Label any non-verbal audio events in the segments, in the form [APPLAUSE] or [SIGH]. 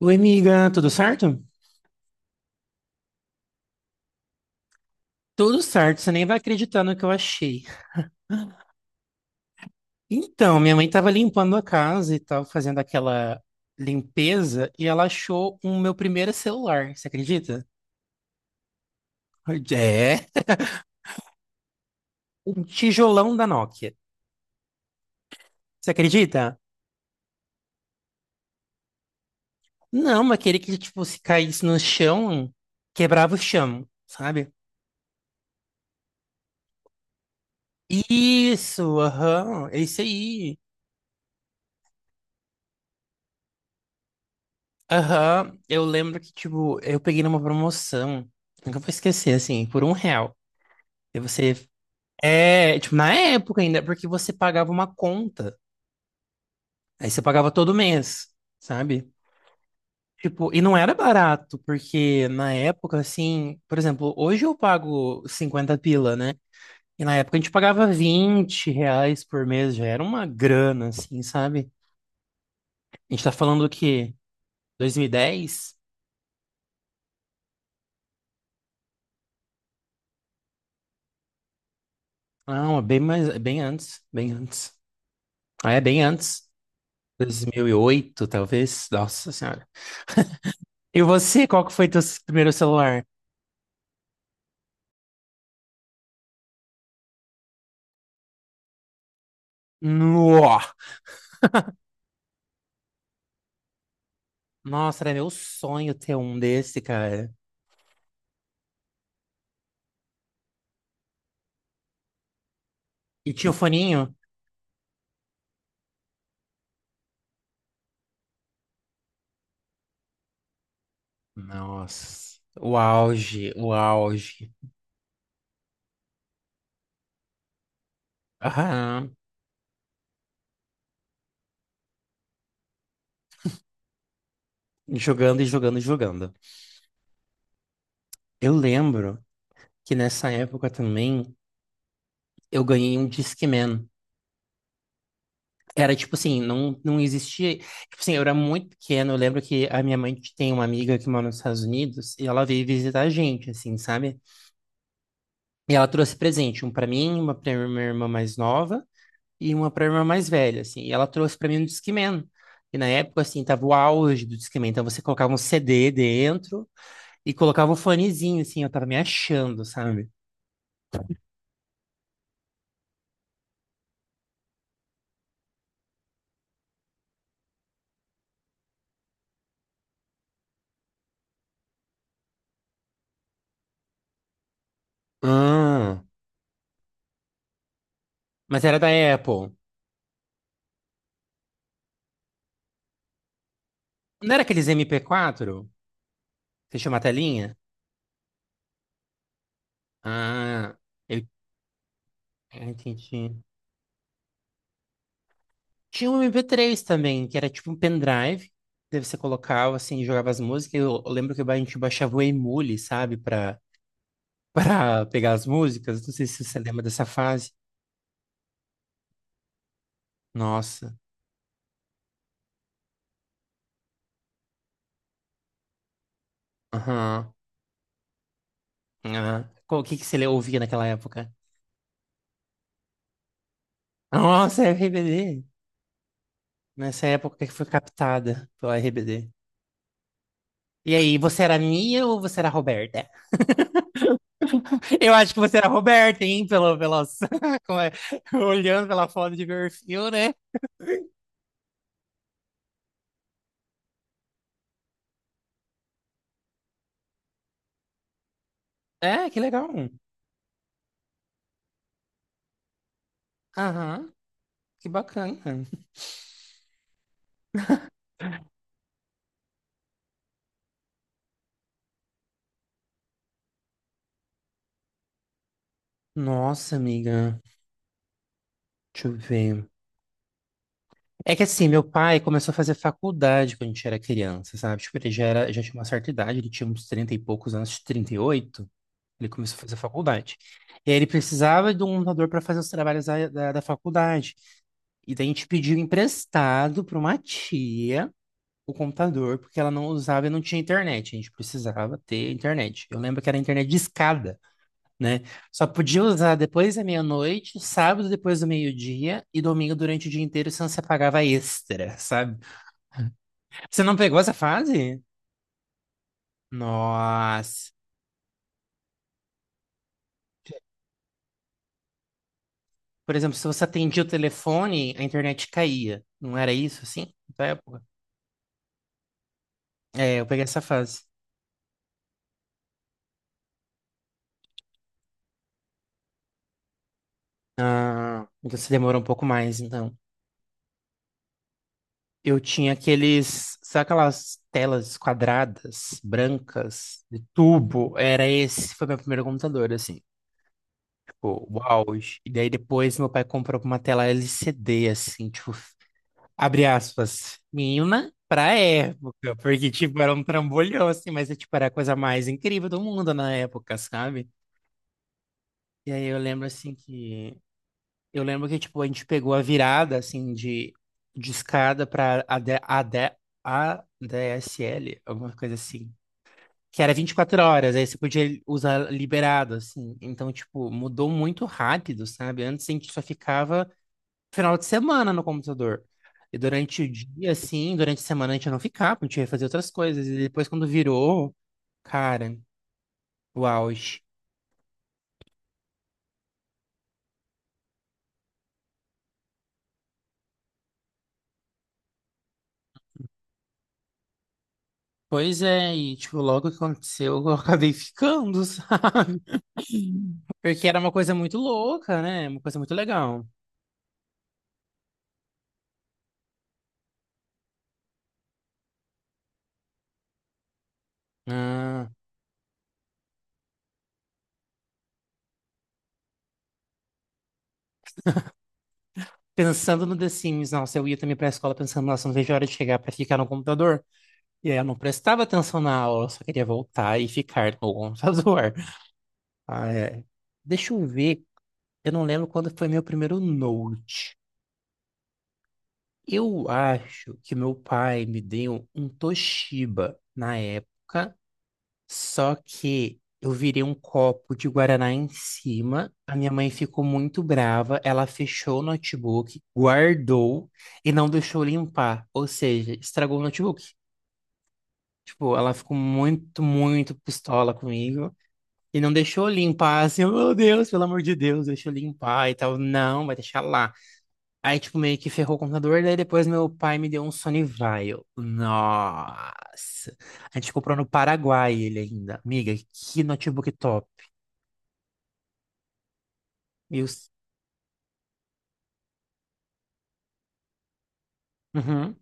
Oi, amiga, tudo certo? Tudo certo, você nem vai acreditar no que eu achei. Então, minha mãe estava limpando a casa e tal, fazendo aquela limpeza, e ela achou o meu primeiro celular, você acredita? É, um tijolão da Nokia. Você acredita? Não, mas aquele que, tipo, se caísse no chão, quebrava o chão, sabe? Isso, aham, é isso aí. Aham, eu lembro que, tipo, eu peguei numa promoção, nunca vou esquecer, assim, por R$1. E você É, tipo, na época ainda, porque você pagava uma conta. Aí você pagava todo mês, sabe? Tipo, e não era barato, porque na época, assim, por exemplo, hoje eu pago 50 pila, né? E na época a gente pagava R$20 por mês, já era uma grana, assim, sabe? A gente tá falando o quê? 2010? Não, é bem mais, é bem antes, bem antes. Ah, é bem antes. 2008, talvez. Nossa Senhora. E você, qual que foi teu primeiro celular? No. Nossa, era meu sonho ter um desse, cara. E tinha o foninho? Nossa, o auge, o auge. Aham. Jogando e jogando e jogando. Eu lembro que nessa época também eu ganhei um Discman. Era tipo assim, não, não existia. Tipo assim, eu era muito pequeno. Eu lembro que a minha mãe tem uma amiga que mora nos Estados Unidos e ela veio visitar a gente, assim, sabe? E ela trouxe presente, um pra mim, uma pra minha irmã mais nova e uma pra irmã mais velha, assim. E ela trouxe pra mim um Discman. E na época, assim, tava o auge do Discman. Então você colocava um CD dentro e colocava um fonezinho, assim. Eu tava me achando, sabe? Ah, mas era da Apple. Não era aqueles MP4? Você chama a telinha? Ah, eu entendi. Tinha um MP3 também, que era tipo um pendrive. Daí você colocava, assim, jogava as músicas. Eu lembro que a gente baixava o Emule, sabe? Pra, [LAUGHS] pra pegar as músicas. Não sei se você lembra dessa fase. Nossa. Aham. Aham. Qual- O que que você ouvia naquela época? Nossa, RBD. Nessa época que foi captada pelo RBD. E aí, você era a Nia ou você era a Roberta? [LAUGHS] Eu acho que você era a Roberta, hein? Pelo, pelas, [LAUGHS] como é? Olhando pela foto de perfil, né? É, que legal. Aham, que bacana. Nossa, amiga. Deixa eu ver. É que assim, meu pai começou a fazer faculdade quando a gente era criança, sabe? Tipo, ele já era, já tinha uma certa idade, ele tinha uns 30 e poucos anos, 38. Ele começou a fazer faculdade. E aí ele precisava de um computador para fazer os trabalhos da faculdade. E daí a gente pediu emprestado para uma tia o computador, porque ela não usava e não tinha internet. A gente precisava ter internet. Eu lembro que era internet de escada, né? Só podia usar depois da meia-noite, sábado depois do meio-dia e domingo durante o dia inteiro, senão você pagava extra, sabe? Você não pegou essa fase? Nossa. Por exemplo, se você atendia o telefone, a internet caía. Não era isso, assim, da época? É, eu peguei essa fase. Ah, então você demorou um pouco mais, então. Eu tinha aqueles, sabe aquelas telas quadradas, brancas, de tubo? Era esse, foi meu primeiro computador, assim. Tipo, uau. E daí depois meu pai comprou uma tela LCD, assim, tipo, abre aspas, menina pra época, porque, tipo, era um trambolhão, assim, mas, tipo, era a coisa mais incrível do mundo na época, sabe? E aí eu lembro que tipo a gente pegou a virada assim de escada para a ADSL, alguma coisa assim, que era 24 horas, aí você podia usar liberado assim. Então, tipo, mudou muito rápido, sabe? Antes a gente só ficava final de semana no computador. E durante o dia assim, durante a semana a gente não ficava, a gente ia fazer outras coisas. E depois quando virou, cara, o auge. Pois é, e tipo, logo que aconteceu, eu acabei ficando, [LAUGHS] sabe? Porque era uma coisa muito louca, né? Uma coisa muito legal. Ah, pensando no The Sims, nossa, eu ia também pra escola pensando, nossa, não vejo a hora de chegar pra ficar no computador. E aí eu não prestava atenção na aula, eu só queria voltar e ficar no computador. [LAUGHS] Ah, é. Deixa eu ver, eu não lembro quando foi meu primeiro Note. Eu acho que meu pai me deu um Toshiba na época. Só que eu virei um copo de guaraná em cima. A minha mãe ficou muito brava. Ela fechou o notebook, guardou e não deixou limpar. Ou seja, estragou o notebook. Tipo, ela ficou muito, muito pistola comigo. E não deixou limpar, assim, oh, meu Deus, pelo amor de Deus, deixa eu limpar e tal. Não, vai deixar lá. Aí, tipo, meio que ferrou o computador, daí depois meu pai me deu um Sony Vaio. Nossa! A gente comprou no Paraguai ele ainda. Amiga, que notebook top. Meus. Uhum.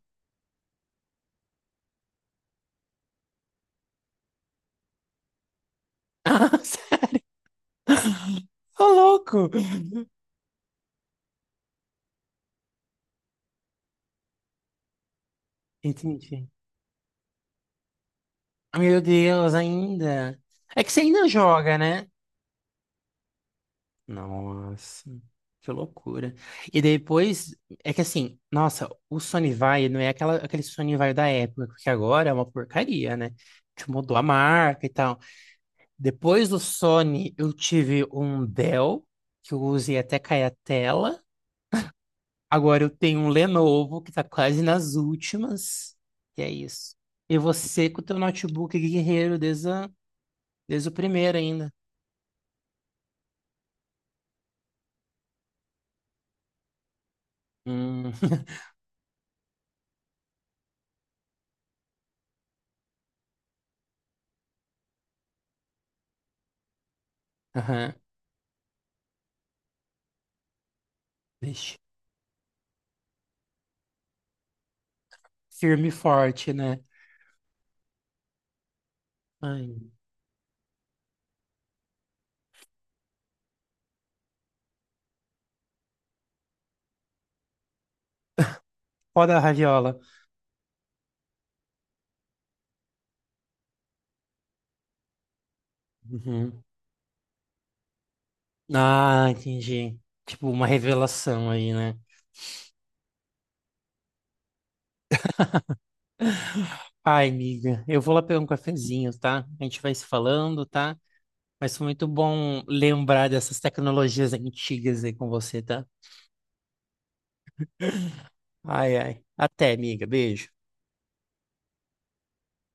[LAUGHS] Ô, louco! Entendi. Meu Deus, ainda. É que você ainda joga, né? Nossa, que loucura. E depois, é que assim, nossa, o Sony Vai não é aquela, aquele Sony Vai da época, porque agora é uma porcaria, né? Que mudou a marca e tal. Depois do Sony, eu tive um Dell, que eu usei até cair a tela. Agora eu tenho um Lenovo que tá quase nas últimas. E é isso. E você com o teu notebook guerreiro desde, a- desde o primeiro ainda. Hum. [LAUGHS] Aham. Vixe. Firme e forte, né? Ai. Foda da raviola. Uhum. Ah, entendi. Tipo, uma revelação aí, né? Ai, amiga, eu vou lá pegar um cafezinho, tá? A gente vai se falando, tá? Mas foi muito bom lembrar dessas tecnologias antigas aí com você, tá? Ai, ai. Até, amiga. Beijo.